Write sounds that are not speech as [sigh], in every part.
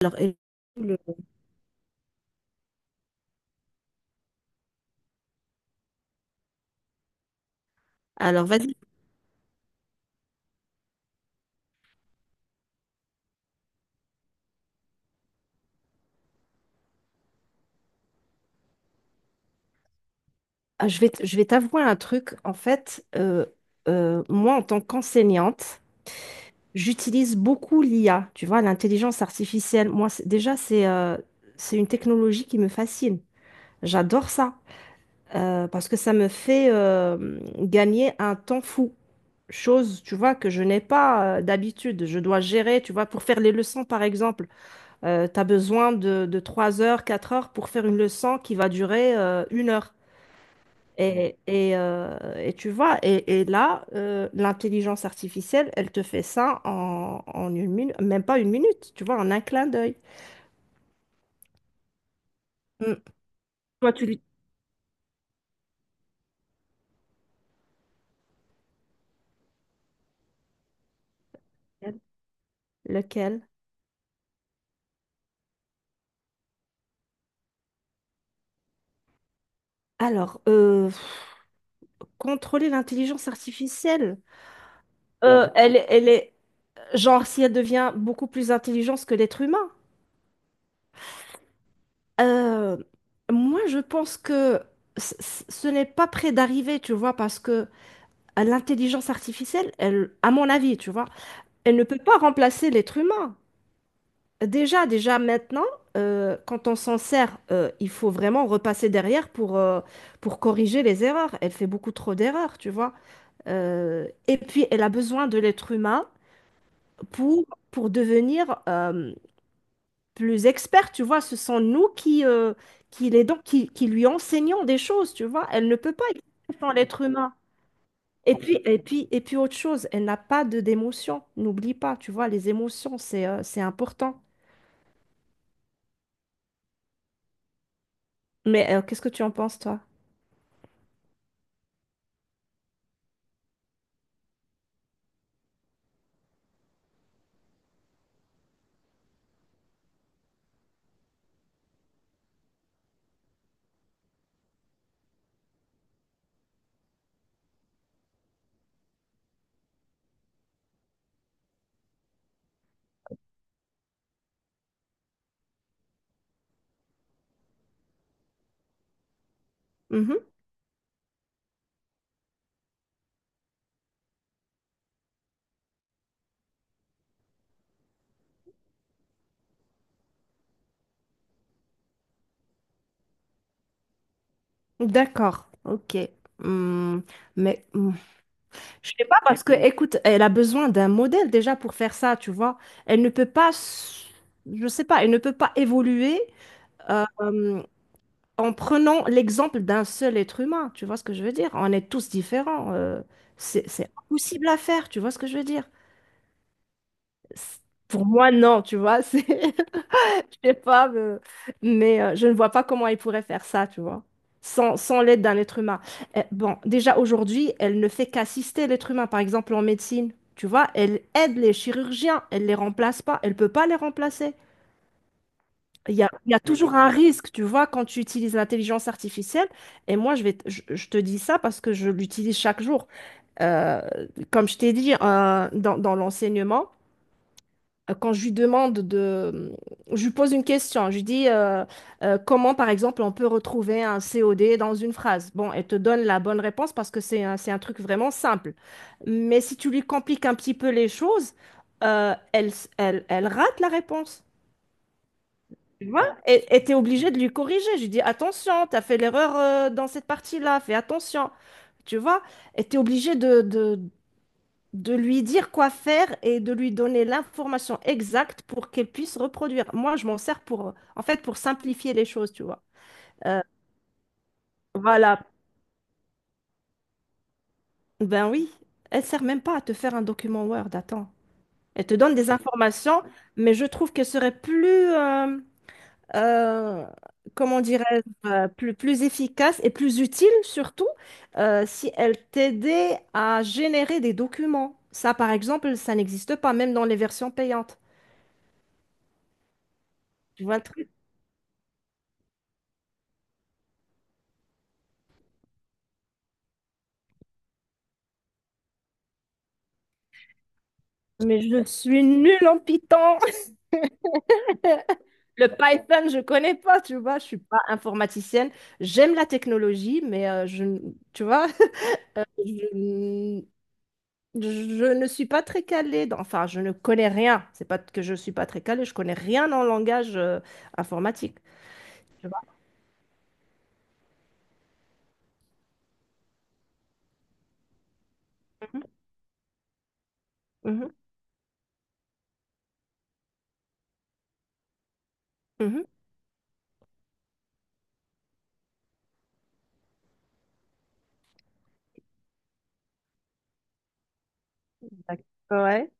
Alors, et- le- alors, vas-y. Ah, je vais t'avouer un truc. En fait, moi, en tant qu'enseignante, j'utilise beaucoup l'IA, tu vois, l'intelligence artificielle. Moi, déjà, c'est une technologie qui me fascine. J'adore ça parce que ça me fait gagner un temps fou. Chose, tu vois, que je n'ai pas d'habitude. Je dois gérer, tu vois, pour faire les leçons, par exemple. Tu as besoin de 3 heures, 4 heures pour faire une leçon qui va durer une heure. Et tu vois, et là, l'intelligence artificielle, elle te fait ça en une minute, même pas une minute, tu vois, en un clin d'œil. Mm. Toi, tu lui... Lequel? Alors, contrôler l'intelligence artificielle, ouais. Genre, si elle devient beaucoup plus intelligente que l'être humain. Euh, Moi, je pense que ce n'est pas près d'arriver, tu vois, parce que l'intelligence artificielle, elle, à mon avis, tu vois, elle ne peut pas remplacer l'être humain. Déjà maintenant, quand on s'en sert, il faut vraiment repasser derrière pour corriger les erreurs. Elle fait beaucoup trop d'erreurs, tu vois. Et puis, elle a besoin de l'être humain pour, pour devenir plus expert, tu vois. Ce sont nous qui l'aidons, qui lui enseignons des choses, tu vois. Elle ne peut pas exister sans l'être humain. Et puis, autre chose, elle n'a pas de d'émotion. N'oublie pas, tu vois, les émotions, c'est important. Mais qu'est-ce que tu en penses, toi? Mhm. D'accord, ok. Hmm. Mais je sais pas parce que, écoute, elle a besoin d'un modèle déjà pour faire ça, tu vois. Elle ne peut pas, je sais pas, elle ne peut pas évoluer euh, euh, en prenant l'exemple d'un seul être humain. Tu vois ce que je veux dire? On est tous différents. C'est impossible à faire, tu vois ce que je veux dire? C'est- Pour moi, non, tu vois. C'est [laughs] Je sais pas, mais, je ne vois pas comment elle pourrait faire ça, tu vois, sans l'aide d'un être humain. Eh, bon, déjà aujourd'hui, elle ne fait qu'assister l'être humain, par exemple en médecine, tu vois, elle aide les chirurgiens, elle les remplace pas, elle peut pas les remplacer. Il y a toujours un risque, tu vois, quand tu utilises l'intelligence artificielle. Et moi, je te dis ça parce que je l'utilise chaque jour. Euh, Comme je t'ai dit, dans l'enseignement quand je lui demande de... Je lui pose une question. Je lui dis comment, par exemple, on peut retrouver un COD dans une phrase. Bon, elle te donne la bonne réponse parce que c'est un truc vraiment simple. Mais si tu lui compliques un petit peu les choses, elle rate la réponse. Tu vois? Et t'es obligé de lui corriger. Je lui dis attention, t'as fait l'erreur dans cette partie-là, fais attention. Tu vois? Et t'es obligé de lui dire quoi faire et de lui donner l'information exacte pour qu'elle puisse reproduire. Moi, je m'en sers pour, en fait, pour simplifier les choses, tu vois. Euh, voilà. Ben oui, elle sert même pas à te faire un document Word, attends. Elle te donne des informations, mais je trouve qu'elle serait plus, euh, comment dirais-je, plus efficace et plus utile surtout si elle t'aidait à générer des documents. Ça, par exemple, ça n'existe pas, même dans les versions payantes. Tu vois. Mais je suis nulle en Python. [laughs] Le Python, je connais pas, tu vois. Je suis pas informaticienne. J'aime la technologie, mais tu vois, [laughs] je, n- je ne suis pas très calée. Enfin, je ne connais rien. C'est pas que je suis pas très calée. Je connais rien en langage informatique. Tu vois. Mhm, mhm, mhm. D'accord. Ouais.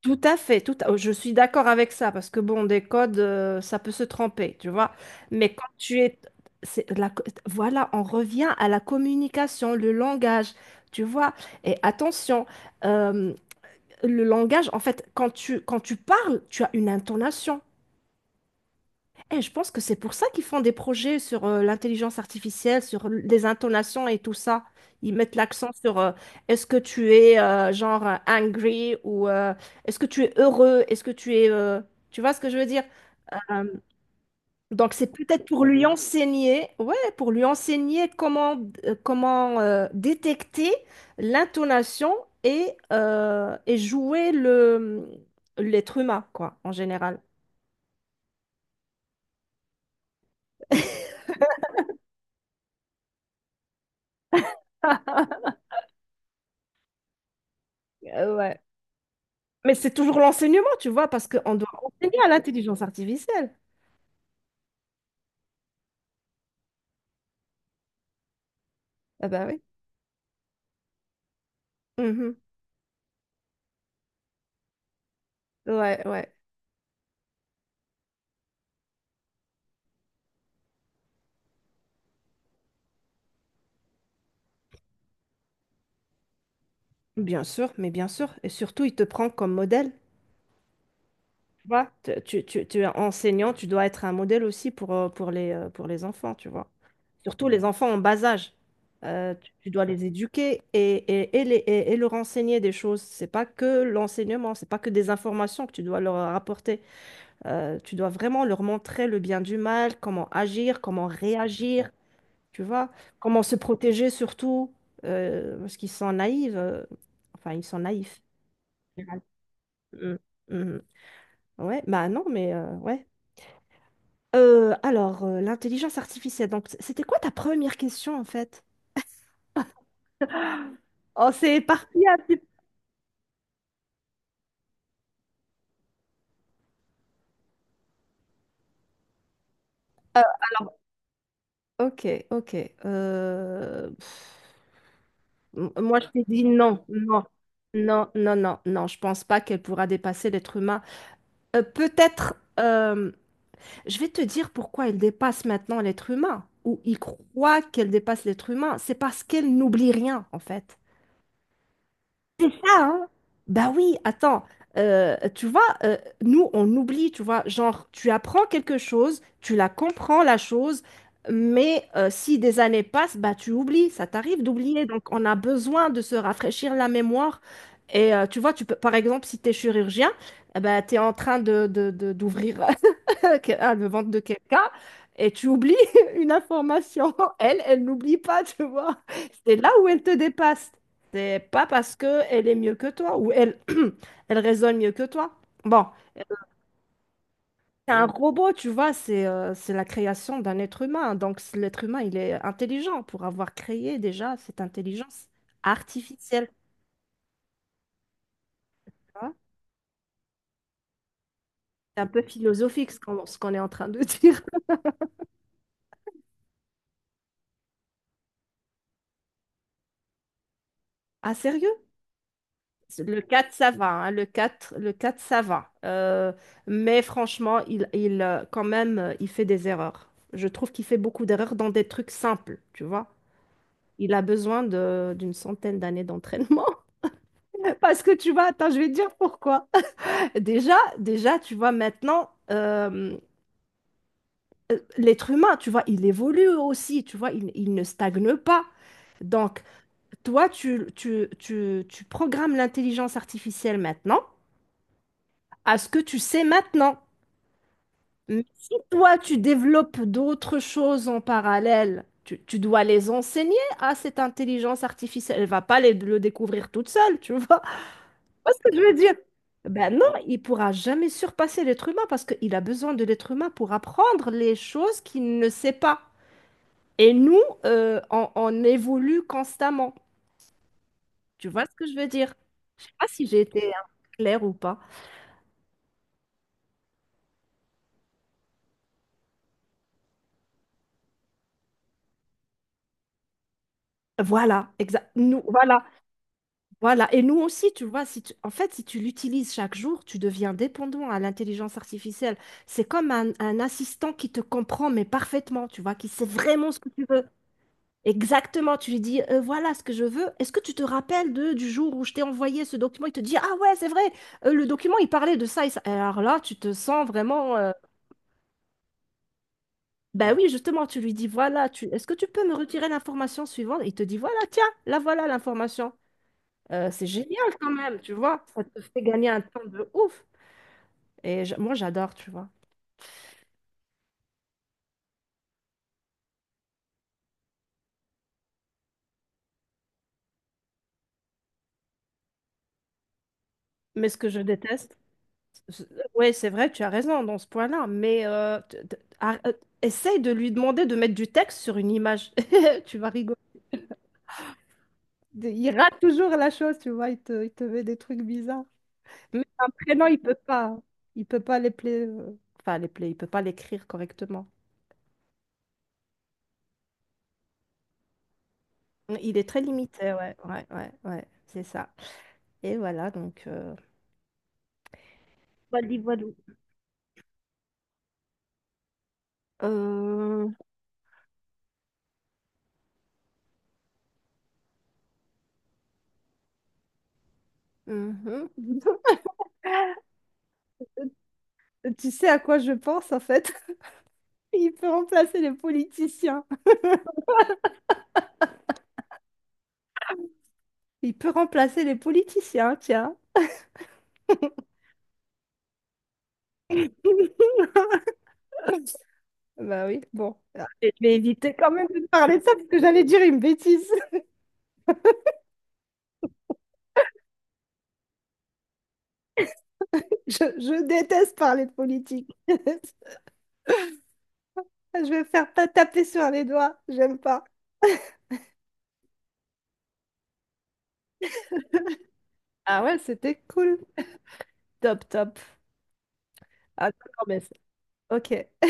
Tout à fait, tout à- Je suis d'accord avec ça parce que bon, des codes, ça peut se tromper, tu vois. Mais quand tu es, voilà, on revient à la communication, le langage, tu vois. Et attention, euh, le langage, en fait, quand tu parles, tu as une intonation. Et je pense que c'est pour ça qu'ils font des projets sur l'intelligence artificielle, sur les intonations et tout ça. Ils mettent l'accent sur est-ce que tu es genre angry ou est-ce que tu es heureux, est-ce que tu es... Tu vois ce que je veux dire? Euh, donc c'est peut-être pour lui enseigner, ouais, pour lui enseigner comment détecter l'intonation et jouer l'être humain, quoi, en général. [laughs] Ouais. Mais c'est toujours l'enseignement, tu vois, parce qu'on doit enseigner à l'intelligence artificielle. Ah bah oui. Mhm. Ouais, ouais. Bien sûr, mais bien sûr. Et surtout, il te prend comme modèle. Tu vois, tu es enseignant, tu dois être un modèle aussi pour les enfants, tu vois. Surtout les enfants en bas âge. Tu dois les éduquer et leur enseigner des choses. C'est pas que l'enseignement, c'est pas que des informations que tu dois leur apporter. Tu dois vraiment leur montrer le bien du mal, comment agir, comment réagir. Tu vois, comment se protéger surtout, parce qu'ils sont naïfs. Enfin, ils sont naïfs. Mm, mm, mm. Ouais, bah non, mais ouais. Alors, l'intelligence artificielle, donc c'était quoi ta première question en fait? Oh, c'est parti un petit peu. Alors, ok, ok. euh, pff, Moi, je t'ai dit non, non, non, non, non, non. Je pense pas qu'elle pourra dépasser l'être humain. Peut-être. Je vais te dire pourquoi elle dépasse maintenant l'être humain, ou il croit qu'elle dépasse l'être humain. C'est parce qu'elle n'oublie rien, en fait ça, hein. Bah oui, attends. Tu vois, nous, on oublie, tu vois, genre, tu apprends quelque chose, tu la comprends, la chose, mais si des années passent, bah tu oublies, ça t'arrive d'oublier. Donc, on a besoin de se rafraîchir la mémoire. Et tu vois, tu peux, par exemple, si tu es chirurgien, eh ben, tu es en train d'ouvrir [laughs] le ventre de quelqu'un et tu oublies [laughs] une information. Elle, elle n'oublie pas, tu vois. C'est là où elle te dépasse. C'est pas parce que elle est mieux que toi ou elle, [clears throat] elle raisonne mieux que toi. Bon, c'est un robot, tu vois, c'est la création d'un être humain. Donc l'être humain, il est intelligent pour avoir créé déjà cette intelligence artificielle. Tu vois. C'est un peu philosophique ce qu'on est en train de [laughs] dire. Ah, sérieux? Le 4 ça va, hein, le quatre ça va. Mais franchement, quand même, il fait des erreurs. Je trouve qu'il fait beaucoup d'erreurs dans des trucs simples, tu vois. Il a besoin d'une centaine d'années d'entraînement. [laughs] Parce que tu vois, attends, je vais te dire pourquoi. [laughs] Déjà, tu vois, maintenant, l'être humain, tu vois, il, évolue aussi, tu vois, il ne stagne pas. Donc, toi, tu programmes l'intelligence artificielle maintenant à ce que tu sais maintenant. Mais si toi, tu développes d'autres choses en parallèle, tu dois les enseigner à cette intelligence artificielle. Elle va pas le découvrir toute seule, tu vois. Vois ce que je veux dire? Ben non, il pourra jamais surpasser l'être humain parce qu'il a besoin de l'être humain pour apprendre les choses qu'il ne sait pas. Et nous, on évolue constamment. Tu vois ce que je veux dire? Je sais pas si j'ai été, hein, claire ou pas. Voilà, exact. Nous, voilà, voilà. Et nous aussi, tu vois, si tu- en fait, si tu l'utilises chaque jour, tu deviens dépendant à l'intelligence artificielle. C'est comme un assistant qui te comprend, mais parfaitement, tu vois, qui sait vraiment ce que tu veux. Exactement, tu lui dis, voilà ce que je veux. Est-ce que tu te rappelles du jour où je t'ai envoyé ce document? Il te dit, ah ouais, c'est vrai, le document, il parlait de ça, et ça. Alors là, tu te sens vraiment... Ben oui, justement, tu lui dis, voilà, tu... est-ce que tu peux me retirer l'information suivante? Il te dit, voilà, tiens, là voilà l'information. C'est génial quand même, tu vois. Ça te fait gagner un temps de ouf. Et moi, j'adore, tu vois. Mais ce que je déteste, oui, c'est vrai, tu as raison dans ce point-là, mais essaye de lui demander de mettre du texte sur une image. [laughs] Tu vas rigoler. Il rate toujours la chose, tu vois, il te met des trucs bizarres. Mais un prénom, il peut pas. Il peut pas enfin, les play, il peut pas l'écrire correctement. Il est très limité, ouais, ouais, ouais, ouais, c'est ça. Et voilà, donc... Wally Walou. Euh, mhm. [laughs] Tu sais à quoi je pense, en fait? [laughs] Il peut remplacer les politiciens. Il peut remplacer les politiciens, tiens. [laughs] Bah oui, bon. Ah, je vais éviter quand même de parler de ça parce que j'allais dire une bêtise. [laughs] Je déteste parler de politique. [laughs] Je vais faire taper sur les doigts. J'aime pas. Ah ouais, c'était cool. Top, top. Ah, d'accord, mais... c'est- Ok.